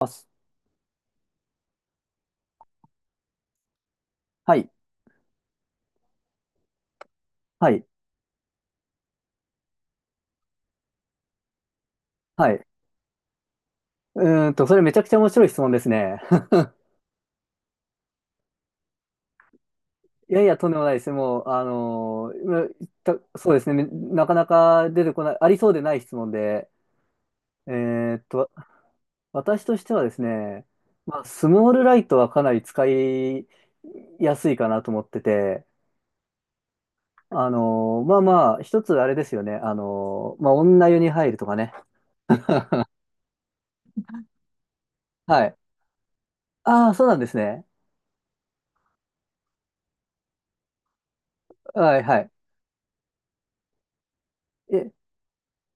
あすはい。はい。はい。それめちゃくちゃ面白い質問ですね。いやいや、とんでもないです。もう、今言ったそうですね。なかなか出てこない、ありそうでない質問で。えーっと、私としてはですね、まあ、スモールライトはかなり使いやすいかなと思ってて、まあまあ、一つあれですよね。まあ、女湯に入るとかね。はい。ああ、そうなんですね。はい、はい。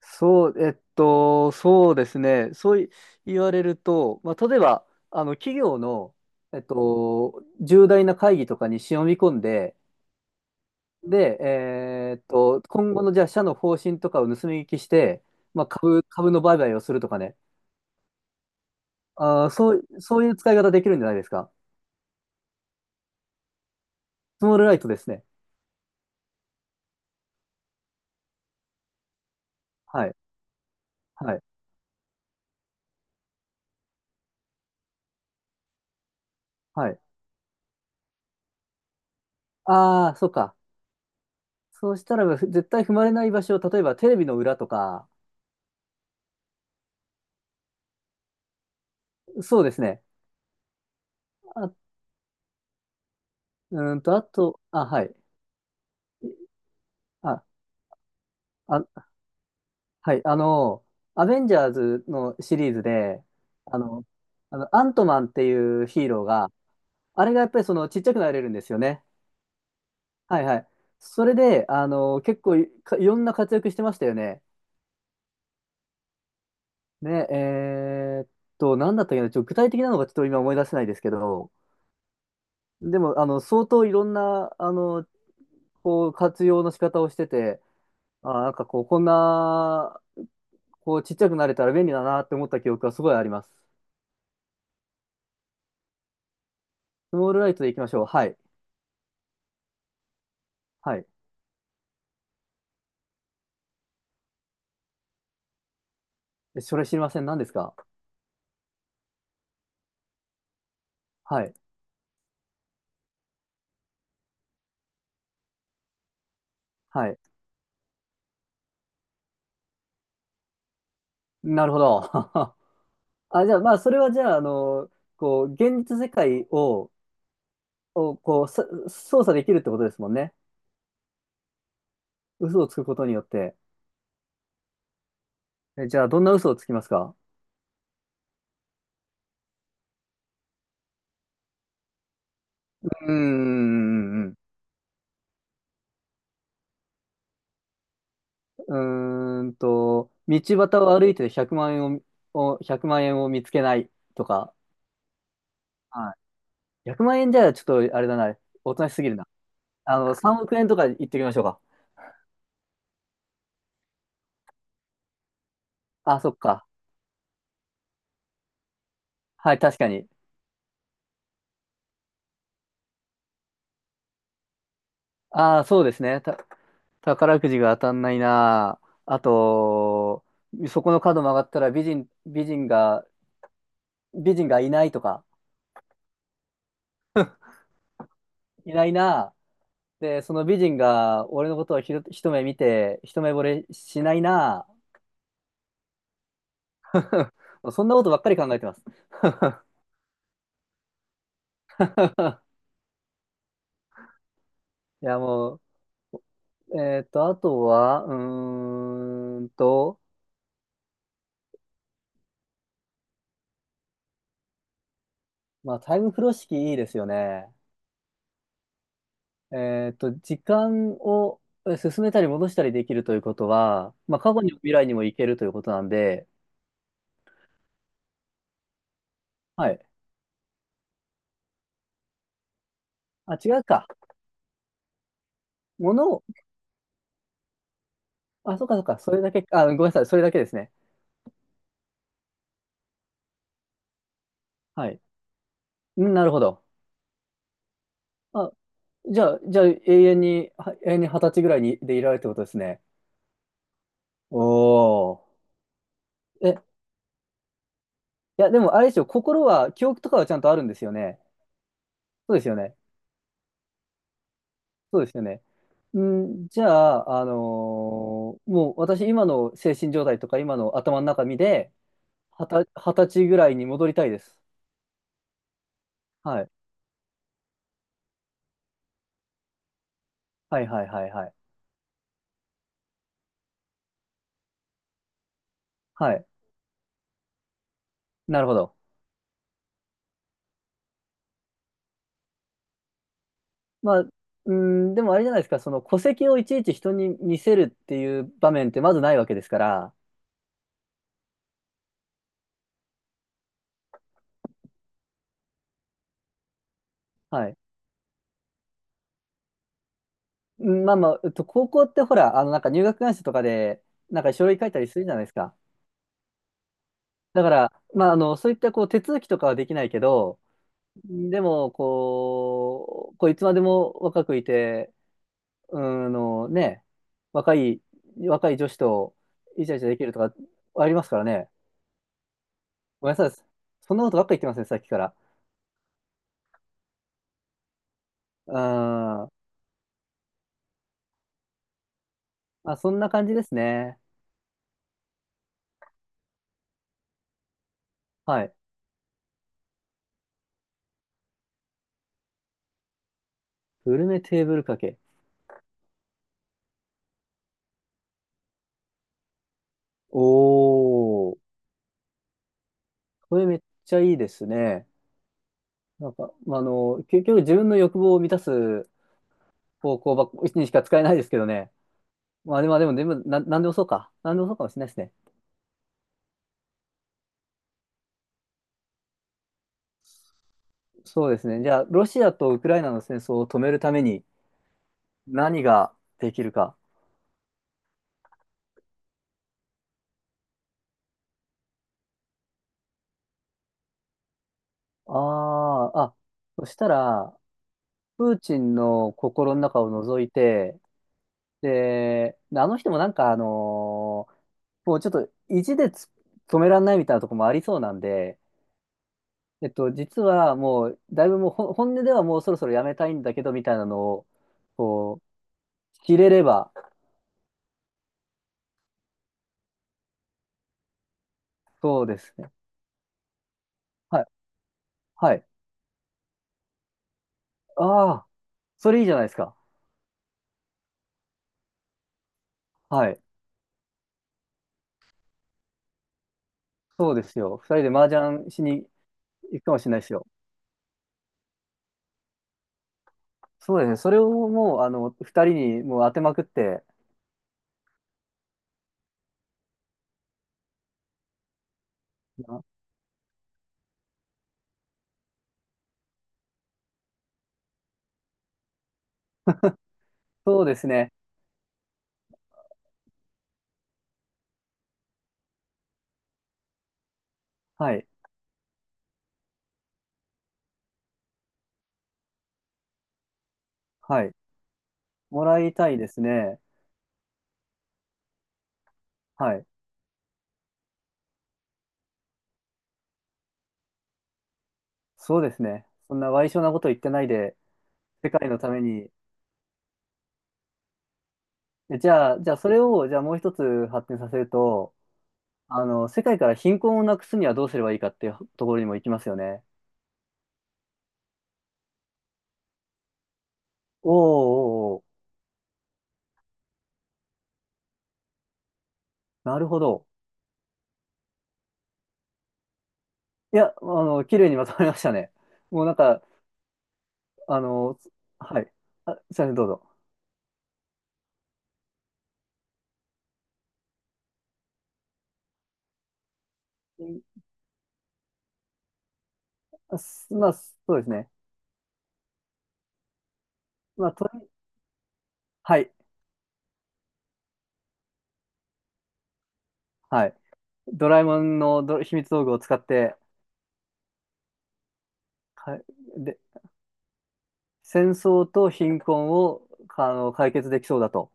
そう、そうですね。そうい言われると、まあ、例えば、企業の、重大な会議とかに忍び込んで、で、今後の、じゃあ、社の方針とかを盗み聞きして、まあ、株の売買をするとかね。そう、そういう使い方できるんじゃないですか。スモールライトですね。はい、はい、はい。ああ、そうか。そうしたら、絶対踏まれない場所を、例えば、テレビの裏とか、そうですね。あ、あと、あ、はい。あ、あ、はい、アベンジャーズのシリーズで、あの、アントマンっていうヒーローが、あれがやっぱりそのちっちゃくなれるんですよね。はいはい。それで、結構い、かいろんな活躍してましたよね。ね、なんだったっけな、具体的なのがちょっと今思い出せないですけど、でも、相当いろんな、こう、活用の仕方をしてて、なんかこう、こんな、こう、ちっちゃくなれたら便利だなって思った記憶がすごいあります。スモールライトでいきましょう。はい。はい。えそれ知りません。何ですか。はい。はい。なるほど。あ、じゃあ、まあ、それはじゃあ、こう、現実世界を、こう、操作できるってことですもんね。嘘をつくことによって。え、じゃあ、どんな嘘をつきますか。うーん、道端を歩いて100万円を、を、を見つけないとか。はい。100万円じゃちょっと、あれだな。おとなしすぎるな。3億円とか言っておきましょうか。あ、そっか。はい、確かに。ああ、そうですね。宝くじが当たんないなあ。あと、そこの角曲がったら美人がいないとか、いないなあ。で、その美人が俺のことを一目見て、一目惚れしないなあ。そんなことばっかり考えてます。いや、もう、あとは、ーんと、まあ、タイム風呂敷いいですよね。時間を進めたり戻したりできるということは、まあ、過去にも未来にも行けるということなんで、はい。あ、違うか。ものを、あ、そうかそうか。それだけ、あ、ごめんなさい。それだけですね。はい。うん、なるほど。あ、じゃあ、永遠に二十歳ぐらいにでいられるってことですね。おー。え、いや、でも、あれでしょ、心は、記憶とかはちゃんとあるんですよね。そうですよね。そうですよね。ん、じゃあ、もう私、今の精神状態とか、今の頭の中身で、二十歳ぐらいに戻りたいです。はい。はいはいはいはい。はい。なるほど。まあ、うん、でもあれじゃないですか、その戸籍をいちいち人に見せるっていう場面ってまずないわけですから、はい。うんまあまあ、高校ってほら、なんか入学願書とかで、なんか書類書いたりするじゃないですか。だから、まあ、そういったこう手続きとかはできないけど、でも、こう、こういつまでも若くいて、うーんのね、若い、若い女子とイチャイチャできるとかありますからね。ごめんなさい。そんなことばっか言ってますね、さっきから。うーん。あ、そんな感じですね。はい。グルメテーブル掛け。おー。これめっちゃいいですね。なんか、まあ、結局自分の欲望を満たす方向ばっにしか使えないですけどね。まあでも、なんでもそうか。なんでもそうかもしれないですね。そうですね。じゃあ、ロシアとウクライナの戦争を止めるために何ができるか。ああ、あ、そしたら、プーチンの心の中を覗いて、で、あの人もなんか、もうちょっと意地で止めらんないみたいなところもありそうなんで、実はもう、だいぶもう本音ではもうそろそろやめたいんだけど、みたいなのを、こう、知れれば、そうですね。はい、はい。ああ、それいいじゃないですか。はい。そうですよ。二人で麻雀しに行くかもしれないですよ。そうですね。それをもう、二人にもう当てまくって、あそうですね。はい。はい。もらいたいですね。はい。そうですね。そんな賠償なこと言ってないで、世界のために。えじゃあ、じゃあ、それを、じゃあもう一つ発展させると、世界から貧困をなくすにはどうすればいいかっていうところにも行きますよね。おーおーおーなるほど。いや、綺麗にまとまりましたね。もうなんか、あの、はい。あ、すいません、どうぞ。うんあすまあ、そうですね。まあ、はい、はい。ドラえもんの秘密道具を使って、かい、で、戦争と貧困を、解決できそうだと。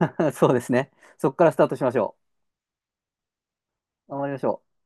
そうですね。そこからスタートしましょう。頑張りましょう。